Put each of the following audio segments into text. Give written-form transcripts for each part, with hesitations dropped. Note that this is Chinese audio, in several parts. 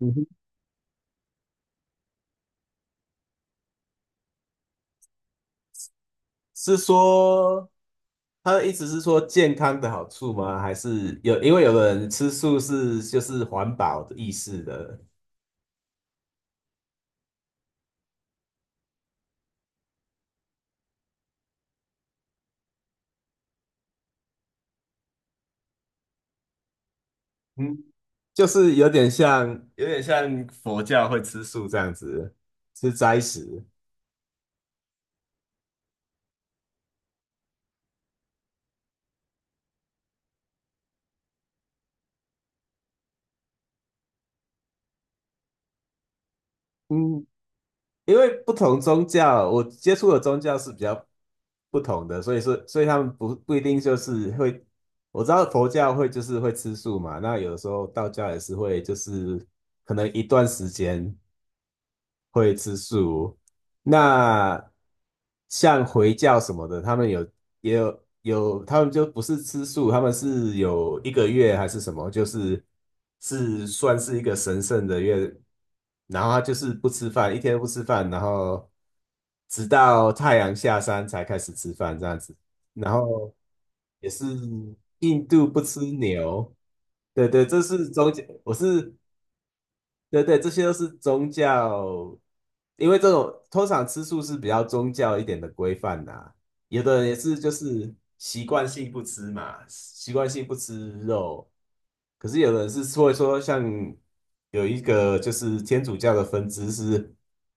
嗯哼，是说他的意思是说健康的好处吗？还是有因为有的人吃素是环保的意思的。嗯，就是有点像佛教会吃素这样子，吃斋食。嗯，因为不同宗教，我接触的宗教是比较不同的，所以他们不一定就是会，我知道佛教会就是会吃素嘛，那有的时候道教也是会就是可能一段时间。会吃素。那像回教什么的，他们有也有有，他们就不是吃素，他们是有一个月还是什么，是算是一个神圣的月，然后他就是不吃饭，一天都不吃饭，然后直到太阳下山才开始吃饭这样子。然后也是印度不吃牛，对，这是中间，我是对，这些都是宗教，因为这种通常吃素是比较宗教一点的规范呐。有的人也是就是习惯性不吃嘛，习惯性不吃肉，可是有的人是会说像有一个就是天主教的分支是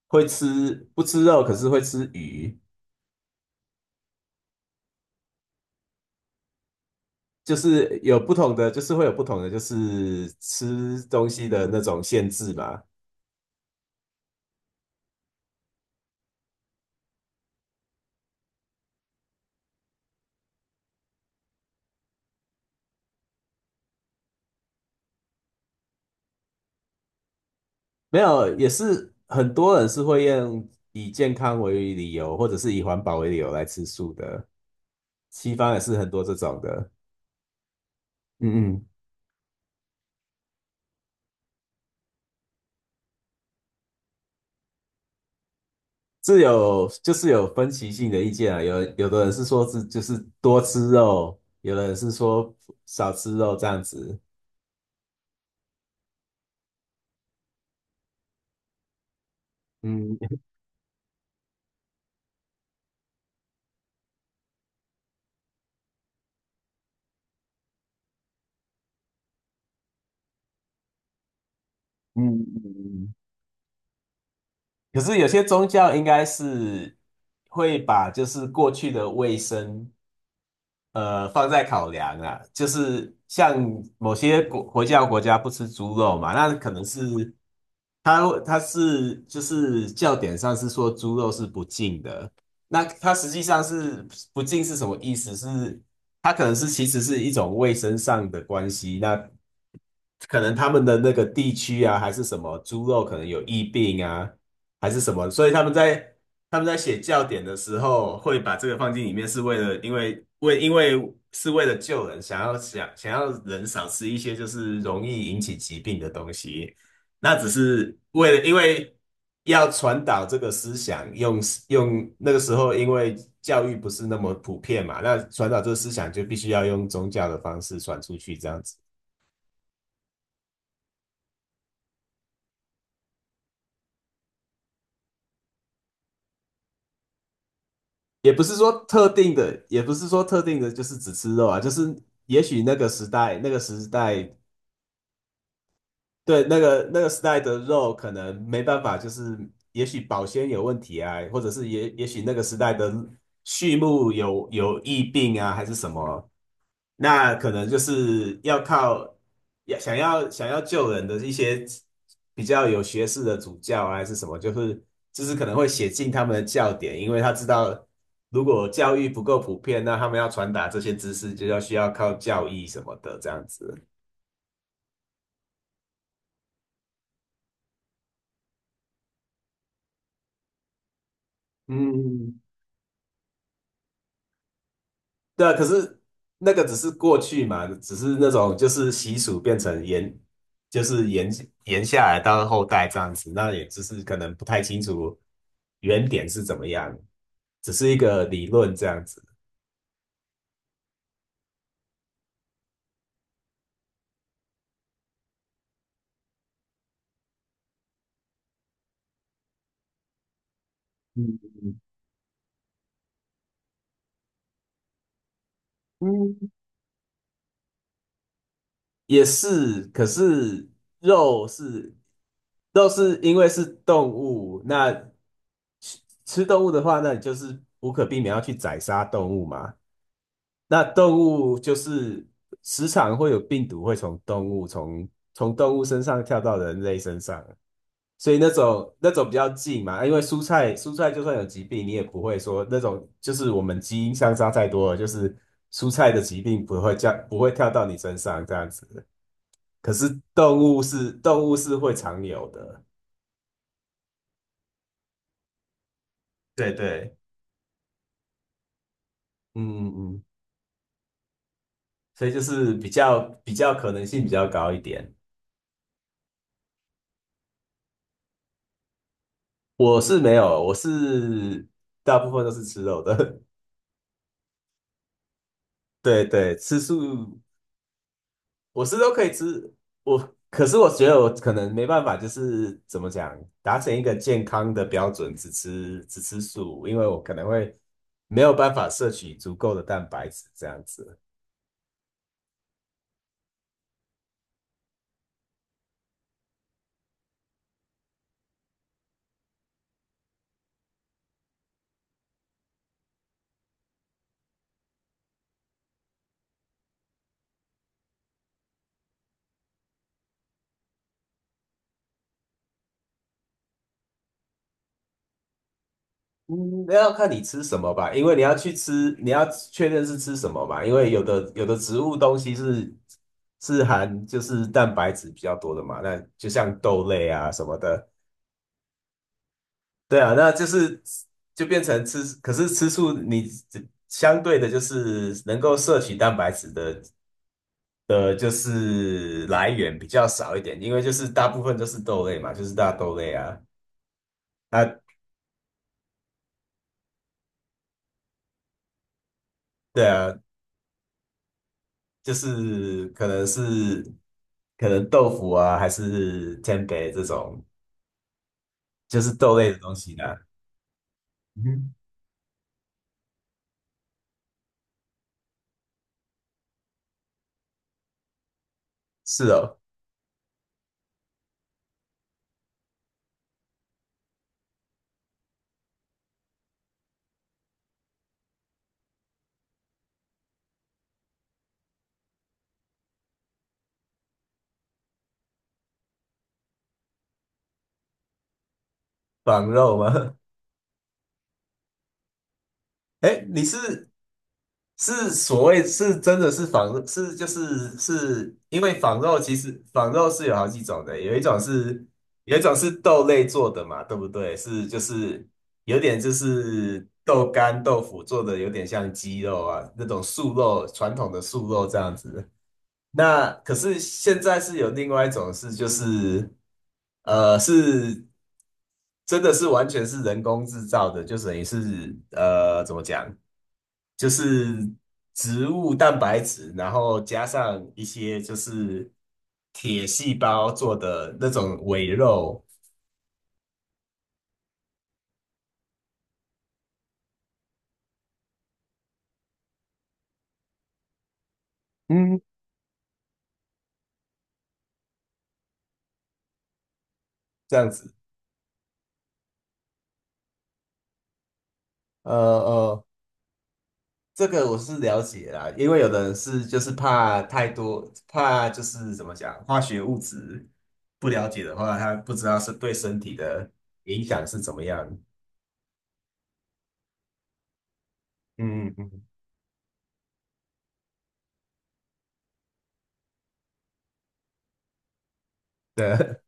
会吃不吃肉，可是会吃鱼，就是有不同的，就是会有不同的吃东西的那种限制嘛。没有，也是很多人是会用以健康为理由，或者是以环保为理由来吃素的。西方也是很多这种的。嗯嗯，是就是有分歧性的意见啊。有的人是说就是多吃肉，有的人是说少吃肉这样子。嗯嗯嗯嗯。可是有些宗教应该是会把就是过去的卫生，放在考量啊，就是像某些国家不吃猪肉嘛，那可能是它是就是教典上是说猪肉是不净的，那它实际上是不净是什么意思？是它可能是其实是一种卫生上的关系，那可能他们的那个地区啊，还是什么猪肉可能有疫病啊，还是什么，所以他们在写教典的时候，会把这个放进里面，是为了因为为因为是为了救人，想要人少吃一些就是容易引起疾病的东西。那只是为了因为要传导这个思想，用那个时候因为教育不是那么普遍嘛，那传导这个思想就必须要用宗教的方式传出去，这样子。也不是说特定的，也不是说特定的，就是只吃肉啊，也许那个时代，那个时代对，那个时代的肉可能没办法，就是也许保鲜有问题啊，或者是也许那个时代的畜牧有疫病啊，还是什么，那可能就是要靠要想要想要救人的一些比较有学识的主教啊，还是什么，就是可能会写进他们的教典，因为他知道如果教育不够普遍，那他们要传达这些知识需要靠教义什么的这样子。嗯，对啊，可是那个只是过去嘛，只是那种就是习俗变成延，就是延延下来到后代这样子，那也只是可能不太清楚原点是怎么样，只是一个理论这样子。嗯嗯，也是，可是肉是肉是因为是动物，那吃吃动物的话，那你就是无可避免要去宰杀动物嘛。那动物就是时常会有病毒会从动物身上跳到人类身上，所以那种比较近嘛，啊因为蔬菜就算有疾病，你也不会说那种就是我们基因相差太多了，就是蔬菜的疾病不会跳到你身上这样子。可是动物是会常有的，对对，嗯嗯嗯，所以就是比较可能性比较高一点。我是没有，我是大部分都是吃肉的。对对，吃素我是都可以吃，可是我觉得我可能没办法，就是怎么讲，达成一个健康的标准，只吃素，因为我可能会没有办法摄取足够的蛋白质这样子。嗯，那要看你吃什么吧，因为你要去吃，你要确认是吃什么嘛，因为有的植物东西是含蛋白质比较多的嘛，那就像豆类啊什么的。对啊，那就是就变成吃，可是吃素你相对的就是能够摄取蛋白质的，就是来源比较少一点，因为就是大部分都是豆类嘛，就是大豆类啊，啊，对啊，就是可能豆腐啊，还是天 e 这种，就是豆类的东西呢。嗯哼，是哦，仿肉吗？哎，你是？是所谓是真的是仿是就是是因为仿肉其实仿肉是有好几种的，有一种是豆类做的嘛，对不对？有点豆干豆腐做的有点像鸡肉啊那种素肉传统的素肉这样子。那可是现在是有另外一种是，就是是真的是完全是人工制造的，就等于是怎么讲，就是植物蛋白质，然后加上一些就是铁细胞做的那种伪肉，嗯，这样子。呃呃这个我是了解啦，因为有的人是就是怕太多，怕就是怎么讲，化学物质不了解的话，他不知道是对身体的影响是怎么样。嗯嗯嗯，对，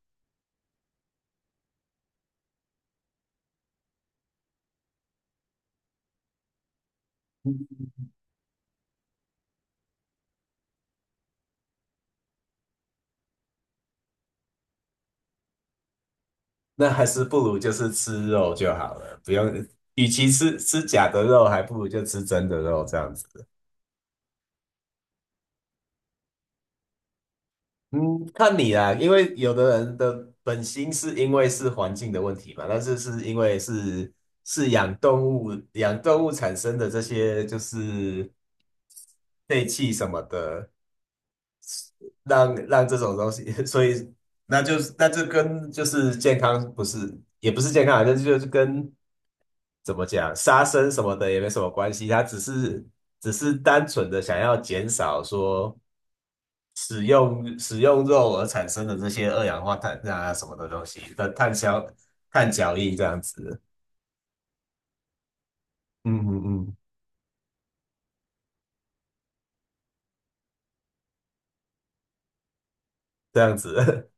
那还是不如就是吃肉就好了，不用，与其吃假的肉，还不如就吃真的肉这样子。嗯，看你啦，因为有的人的本心是因为是环境的问题嘛，但是是因为是是养动物，养动物产生的这些就是废气什么的，让这种东西，所以那就跟就是健康不是也不是健康啊，就是跟怎么讲杀生什么的也没什么关系，他只是只是单纯的想要减少说。使用肉而产生的这些二氧化碳啊什么的东西的 碳脚印这样子，嗯嗯嗯，这样子，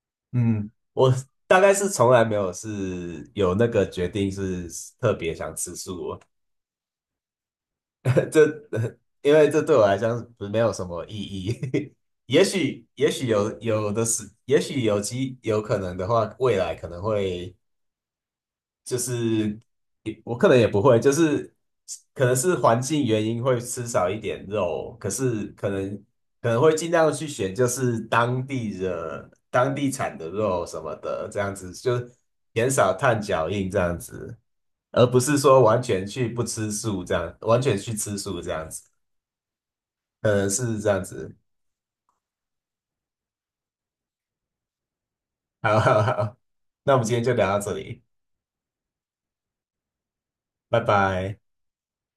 嗯，我大概是从来没有是有那个决定是特别想吃素哦，这因为这对我来讲没有什么意义。也许有的是，也许有可能的话，未来可能会。就是也我可能也不会，就是可能是环境原因会吃少一点肉，可是可能会尽量去选就是当地产的肉什么的，这样子就减少碳脚印这样子，而不是说完全去不吃素这样，完全去吃素这样子，可能是这样子。好好好，那我们今天就聊到这里，拜拜。